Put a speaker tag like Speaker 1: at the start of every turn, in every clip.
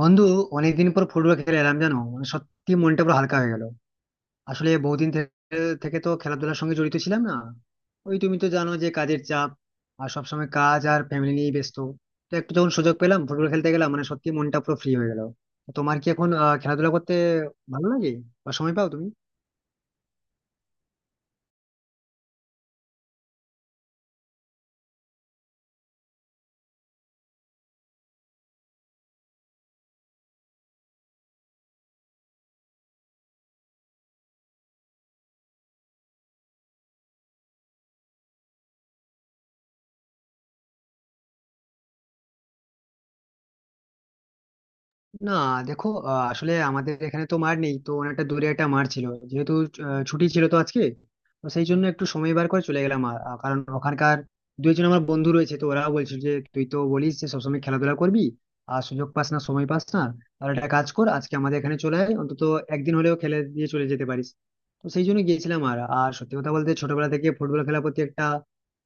Speaker 1: বন্ধু, অনেকদিন পর ফুটবল খেলে এলাম জানো, মানে সত্যি মনটা পুরো হালকা হয়ে গেল। আসলে বহুদিন থেকে তো খেলাধুলার সঙ্গে জড়িত ছিলাম না। ওই, তুমি তো জানো যে কাজের চাপ, আর সবসময় কাজ আর ফ্যামিলি নিয়ে ব্যস্ত। তো একটু যখন সুযোগ পেলাম ফুটবল খেলতে গেলাম, মানে সত্যি মনটা পুরো ফ্রি হয়ে গেল। তোমার কি এখন খেলাধুলা করতে ভালো লাগে বা সময় পাও তুমি? না, দেখো আসলে আমাদের এখানে তো মার নেই, তো অনেকটা দূরে একটা মার ছিল। যেহেতু ছুটি ছিল তো আজকে, তো সেই জন্য একটু সময় বার করে চলে গেলাম। কারণ ওখানকার দুইজন আমার বন্ধু রয়েছে, তো ওরাও বলছিল যে তুই তো বলিস যে সবসময় খেলাধুলা করবি আর সুযোগ পাস না সময় পাস না, তাহলে একটা কাজ কর, আজকে আমাদের এখানে চলে আয়, অন্তত একদিন হলেও খেলে দিয়ে চলে যেতে পারিস। তো সেই জন্য গিয়েছিলাম। আর আর সত্যি কথা বলতে ছোটবেলা থেকে ফুটবল খেলার প্রতি একটা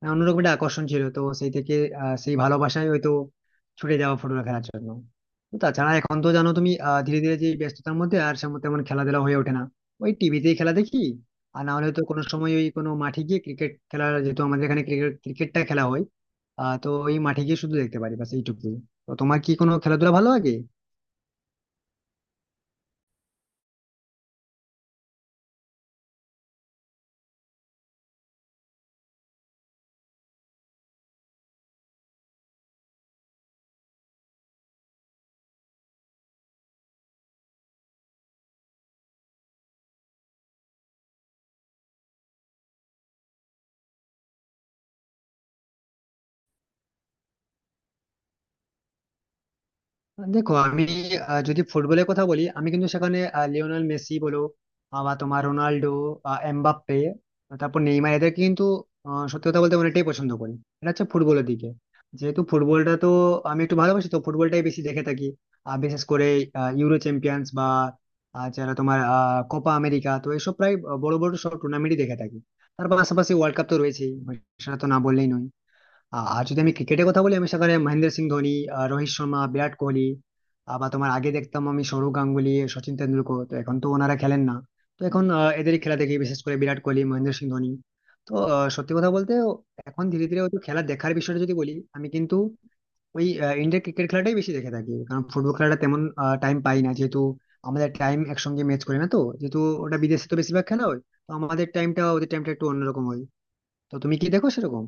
Speaker 1: অন্যরকম একটা আকর্ষণ ছিল, তো সেই থেকে সেই ভালোবাসায় হয়তো ছুটে যাওয়া ফুটবল খেলার জন্য। তাছাড়া এখন তো জানো তুমি, ধীরে ধীরে যে ব্যস্ততার মধ্যে আর সেমন তেমন খেলাধুলা হয়ে ওঠে না, ওই টিভিতেই খেলা দেখি। আর না হলে তো কোনো সময় ওই কোনো মাঠে গিয়ে ক্রিকেট খেলা, যেহেতু আমাদের এখানে ক্রিকেটটা খেলা হয়। তো ওই মাঠে গিয়ে শুধু দেখতে পারি, বাস এইটুকুই। তো তোমার কি কোনো খেলাধুলা ভালো লাগে? দেখো আমি যদি ফুটবলের কথা বলি আমি কিন্তু সেখানে লিওনেল মেসি বলো, বা তোমার রোনাল্ডো, এমবাপ্পে, তারপর নেইমার, এদেরকে কিন্তু সত্যি কথা বলতে অনেকটাই পছন্দ করি। এটা হচ্ছে ফুটবলের দিকে, যেহেতু ফুটবলটা তো আমি একটু ভালোবাসি, তো ফুটবলটাই বেশি দেখে থাকি। আর বিশেষ করে ইউরো চ্যাম্পিয়ন্স বা যারা তোমার কোপা আমেরিকা, তো এসব প্রায় বড় বড় সব টুর্নামেন্টই দেখে থাকি। তার পাশাপাশি ওয়ার্ল্ড কাপ তো রয়েছেই, সেটা তো না বললেই নয়। আর যদি আমি ক্রিকেটের কথা বলি, আমি সেখানে মহেন্দ্র সিং ধোনি, রোহিত শর্মা, বিরাট কোহলি, আবার তোমার আগে দেখতাম আমি সৌরভ গাঙ্গুলি, সচিন তেন্ডুলকর, তো এখন তো ওনারা খেলেন না। তো এখন এদেরই খেলা দেখি, বিশেষ করে বিরাট কোহলি, মহেন্দ্র সিং ধোনি। তো সত্যি কথা বলতে এখন ধীরে ধীরে হয়তো খেলা দেখার বিষয়টা যদি বলি, আমি কিন্তু ওই ইন্ডিয়ান ক্রিকেট খেলাটাই বেশি দেখে থাকি, কারণ ফুটবল খেলাটা তেমন টাইম পাই না, যেহেতু আমাদের টাইম একসঙ্গে ম্যাচ করে না, তো যেহেতু ওটা বিদেশে তো বেশিরভাগ খেলা হয়, তো আমাদের টাইমটা ওদের টাইমটা একটু অন্যরকম হয়। তো তুমি কি দেখো সেরকম?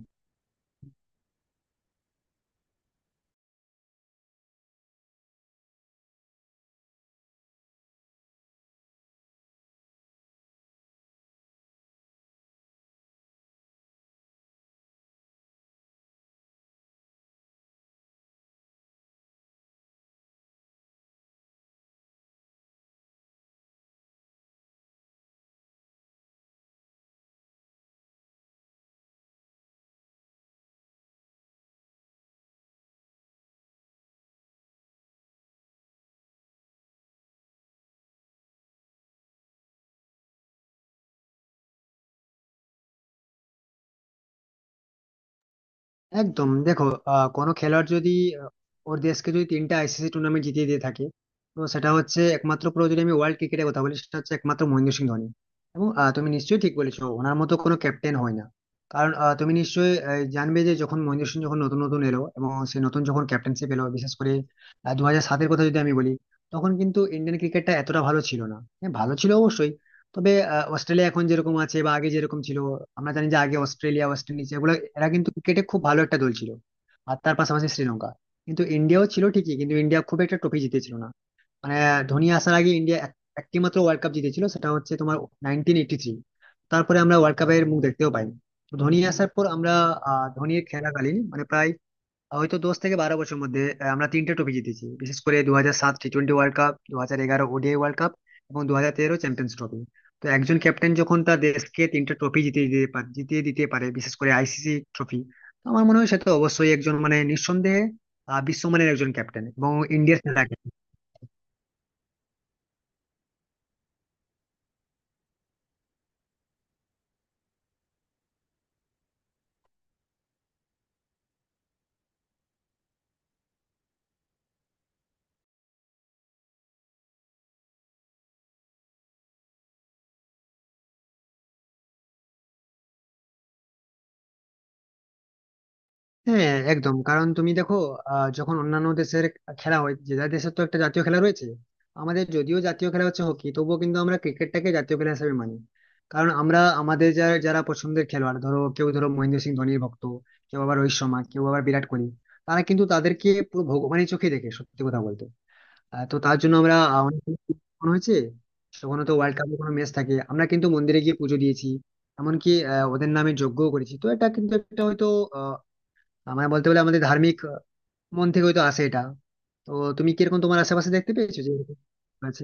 Speaker 1: একদম। দেখো কোনো খেলোয়াড় যদি আহ, ওর দেশকে যদি তিনটা আইসিসি টুর্নামেন্ট জিতিয়ে দিয়ে থাকে, তো সেটা হচ্ছে একমাত্র, পুরো যদি আমি ওয়ার্ল্ড ক্রিকেটের কথা বলি সেটা হচ্ছে একমাত্র মহেন্দ্র সিং ধোনি। এবং তুমি নিশ্চয়ই ঠিক বলেছো, ওনার মতো কোনো ক্যাপ্টেন হয় না। কারণ তুমি নিশ্চয়ই জানবে যে যখন মহেন্দ্র সিং যখন নতুন নতুন এলো এবং সে নতুন যখন ক্যাপ্টেন্সি পেলো, বিশেষ করে 2007-এর কথা যদি আমি বলি, তখন কিন্তু ইন্ডিয়ান ক্রিকেটটা এতটা ভালো ছিল না, হ্যাঁ ভালো ছিল অবশ্যই, তবে অস্ট্রেলিয়া এখন যেরকম আছে বা আগে যেরকম ছিল, আমরা জানি যে আগে অস্ট্রেলিয়া, ওয়েস্ট ইন্ডিজ, এগুলো এরা কিন্তু ক্রিকেটে খুব ভালো একটা দল ছিল। আর তার পাশাপাশি শ্রীলঙ্কা। কিন্তু ইন্ডিয়াও ছিল ঠিকই, কিন্তু ইন্ডিয়া খুব একটা ট্রফি জিতেছিল না, মানে ধোনি আসার আগে ইন্ডিয়া একটি মাত্র ওয়ার্ল্ড কাপ জিতেছিল, সেটা হচ্ছে তোমার 1983। তারপরে আমরা ওয়ার্ল্ড কাপের মুখ দেখতেও পাইনি। তো ধোনি আসার পর আমরা ধোনির খেলাকালীন, মানে প্রায় হয়তো 10 থেকে 12 বছরের মধ্যে আমরা তিনটে ট্রফি জিতেছি, বিশেষ করে দু হাজার সাত T twenty World cup, 2011 ODI World Cup এবং 2013 চ্যাম্পিয়ন্স ট্রফি। তো একজন ক্যাপ্টেন যখন তার দেশকে তিনটে ট্রফি জিতিয়ে দিতে পারে বিশেষ করে আইসিসি ট্রফি, তো আমার মনে হয় সে তো অবশ্যই একজন, মানে নিঃসন্দেহে বিশ্বমানের একজন ক্যাপ্টেন এবং ইন্ডিয়ার সেরা captain। হ্যাঁ একদম, কারণ তুমি দেখো যখন অন্যান্য দেশের খেলা হয়, যে যার দেশের তো একটা জাতীয় খেলা রয়েছে। আমাদের যদিও জাতীয় খেলা হচ্ছে হকি, তবুও কিন্তু আমরা ক্রিকেটটাকে জাতীয় খেলা হিসেবে মানি। কারণ আমরা আমাদের যারা যারা পছন্দের খেলোয়াড়, ধরো কেউ ধরো মহেন্দ্র সিং ধোনির ভক্ত, কেউ আবার রোহিত শর্মা, কেউ আবার বিরাট কোহলি, তারা কিন্তু তাদেরকে পুরো ভগবানের চোখে দেখে সত্যি কথা বলতে। তো তার জন্য আমরা অনেক মনে হয়েছে, কখনো তো ওয়ার্ল্ড কাপের কোনো ম্যাচ থাকে আমরা কিন্তু মন্দিরে গিয়ে পুজো দিয়েছি, এমনকি ওদের নামে যজ্ঞও করেছি। তো এটা কিন্তু একটা হয়তো আমার বলতে গেলে আমাদের ধার্মিক মন থেকে হয়তো আসে এটা। তো তুমি কিরকম তোমার আশেপাশে দেখতে পেয়েছো যে এরকম আছে?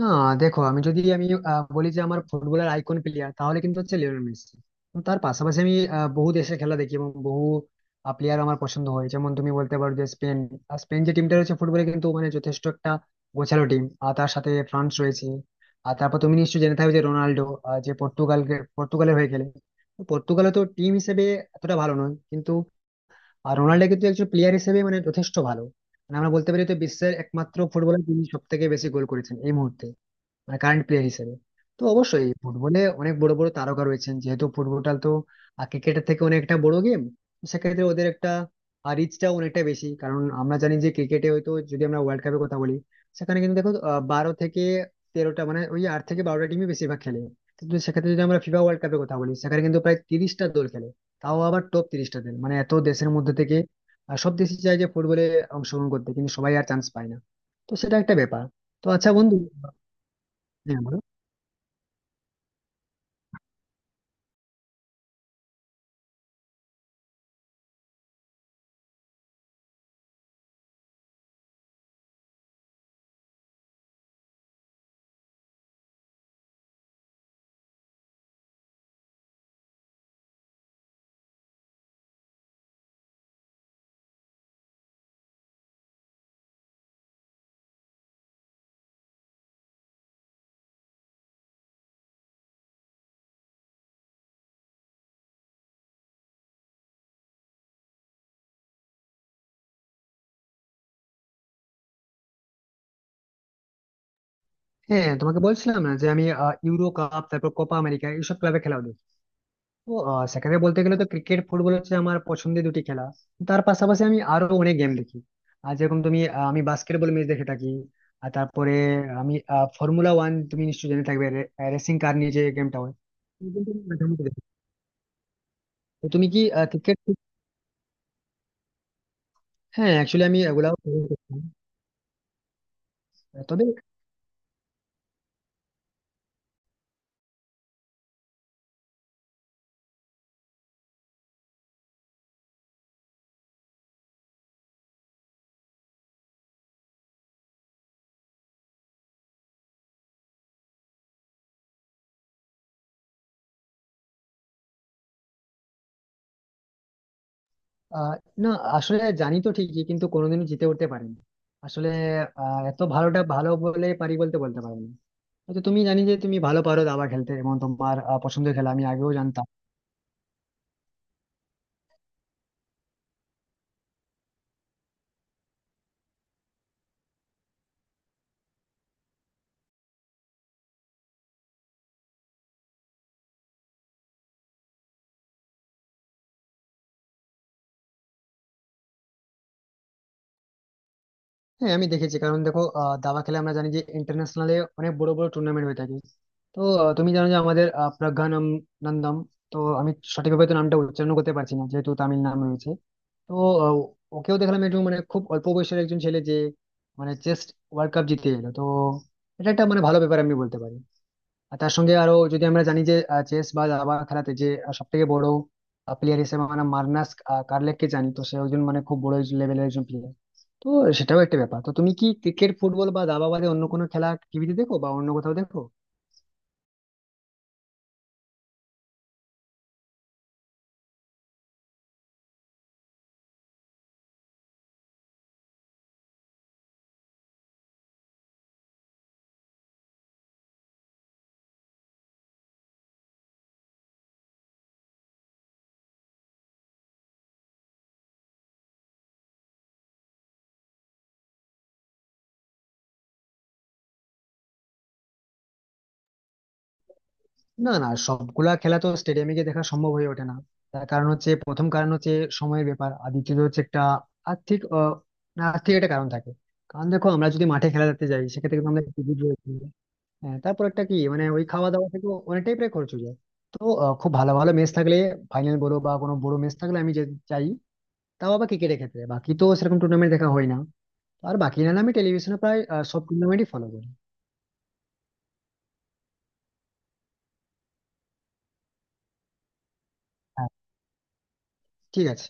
Speaker 1: না, দেখো আমি যদি আমি বলি যে আমার ফুটবলের আইকন প্লেয়ার, তাহলে কিন্তু হচ্ছে লিওনেল মেসি। এবং তার পাশাপাশি আমি বহু দেশের খেলা দেখি এবং বহু প্লেয়ার আমার পছন্দ হয়, যেমন তুমি বলতে পারো যে স্পেন। আর স্পেন যে টিমটা রয়েছে ফুটবলে কিন্তু মানে যথেষ্ট একটা গোছালো টিম। আর তার সাথে ফ্রান্স রয়েছে। আর তারপর তুমি নিশ্চয়ই জেনে থাকবে যে রোনাল্ডো যে পর্তুগাল, পর্তুগালের হয়ে খেলে। তো পর্তুগালে তো টিম হিসেবে এতটা ভালো নয় কিন্তু, আর রোনাল্ডো কিন্তু একজন প্লেয়ার হিসেবে মানে যথেষ্ট ভালো। মানে আমরা বলতে পারি তো বিশ্বের একমাত্র ফুটবলার যিনি সব থেকে বেশি গোল করেছেন এই মুহূর্তে, মানে কারেন্ট প্লেয়ার হিসেবে। তো অবশ্যই ফুটবলে অনেক বড় বড় তারকা রয়েছেন, যেহেতু ফুটবলটা তো ক্রিকেটের থেকে অনেকটা বড় গেম, সেক্ষেত্রে ওদের একটা রিচটা অনেকটা বেশি। কারণ আমরা জানি যে ক্রিকেটে হয়তো যদি আমরা ওয়ার্ল্ড কাপের কথা বলি, সেখানে কিন্তু দেখো 12 থেকে 13টা, মানে ওই 8 থেকে 12টা টিমই বেশিরভাগ খেলে। কিন্তু সেক্ষেত্রে যদি আমরা ফিফা ওয়ার্ল্ড কাপের কথা বলি, সেখানে কিন্তু প্রায় 30টা দল খেলে, তাও আবার টপ 30টা দল, মানে এত দেশের মধ্যে থেকে সব দেশই চায় যে ফুটবলে অংশগ্রহণ করতে, কিন্তু সবাই আর চান্স পায় না। তো সেটা একটা ব্যাপার। তো আচ্ছা বন্ধু, হ্যাঁ বলো। হ্যাঁ, তোমাকে বলছিলাম না যে আমি ইউরো কাপ, তারপর কোপা আমেরিকা, এইসব ক্লাবে খেলাও দেখি। তো সেখানে বলতে গেলে তো ক্রিকেট ফুটবল হচ্ছে আমার পছন্দের দুটি খেলা। তার পাশাপাশি আমি আরো অনেক গেম দেখি। আর যেরকম তুমি আমি বাস্কেটবল ম্যাচ দেখে থাকি। আর তারপরে আমি ফর্মুলা ওয়ান, তুমি নিশ্চয়ই জেনে থাকবে, রেসিং কার নিয়ে যে গেমটা হয়, এই গেমটা আমি মাঝে মধ্যে দেখি। তো তুমি কি ক্রিকেট? হ্যাঁ অ্যাকচুয়ালি আমি এগুলাও খেলি। তবে আহ না, আসলে জানি তো ঠিকই, কিন্তু কোনোদিনও জিতে উঠতে পারিনি আসলে। এত ভালোটা ভালো বলে পারি, বলতে বলতে পারবো না, হয়তো তুমি জানি যে তুমি ভালো পারো দাবা খেলতে এবং তোমার পছন্দের খেলা আমি আগেও জানতাম। হ্যাঁ আমি দেখেছি, কারণ দেখো দাবা খেলা আমরা জানি যে ইন্টারন্যাশনালে অনেক বড় বড় টুর্নামেন্ট হয়ে থাকে। তো তুমি জানো যে আমাদের প্রজ্ঞানম নন্দম, তো আমি সঠিকভাবে তো নামটা উচ্চারণ করতে পারছি না যেহেতু তামিল নাম রয়েছে। তো আহ, ওকেও দেখলাম, একটু মানে খুব অল্প বয়সের একজন ছেলে যে মানে চেস ওয়ার্ল্ড কাপ জিতে এলো। তো এটা একটা মানে ভালো ব্যাপার আমি বলতে পারি। আর তার সঙ্গে আরো যদি আমরা জানি যে চেস বা দাবা খেলাতে যে সব থেকে বড় প্লেয়ার হিসেবে মানে মার্নাস কার্লেককে জানি তো, সে একজন মানে খুব বড় লেভেলের একজন প্লেয়ার। তো সেটাও একটা ব্যাপার। তো তুমি কি ক্রিকেট ফুটবল বা দাবা বাদে অন্য কোনো খেলা টিভিতে দেখো বা অন্য কোথাও দেখো? না না, সবগুলা খেলা তো স্টেডিয়ামে গিয়ে দেখা সম্ভব হয়ে ওঠে না। তার কারণ হচ্ছে, প্রথম কারণ হচ্ছে সময়ের ব্যাপার, আর দ্বিতীয়ত হচ্ছে একটা আর্থিক না আর্থিক একটা কারণ থাকে। কারণ দেখো আমরা যদি মাঠে খেলা দেখতে যাই সেক্ষেত্রে কিন্তু আমরা, টিকিট রয়েছে, হ্যাঁ, তারপর একটা কি মানে ওই খাওয়া দাওয়া থেকে অনেকটাই প্রায় খরচ হয়ে যায়। তো খুব ভালো ভালো ম্যাচ থাকলে ফাইনাল বলো বা কোনো বড় ম্যাচ থাকলে আমি যে চাই, তাও আবার ক্রিকেটের ক্ষেত্রে বাকি তো সেরকম টুর্নামেন্ট দেখা হয় না। আর বাকি না হলে আমি টেলিভিশনে প্রায় সব টুর্নামেন্টই ফলো করি। হ্যাঁ, ঠিক আছে।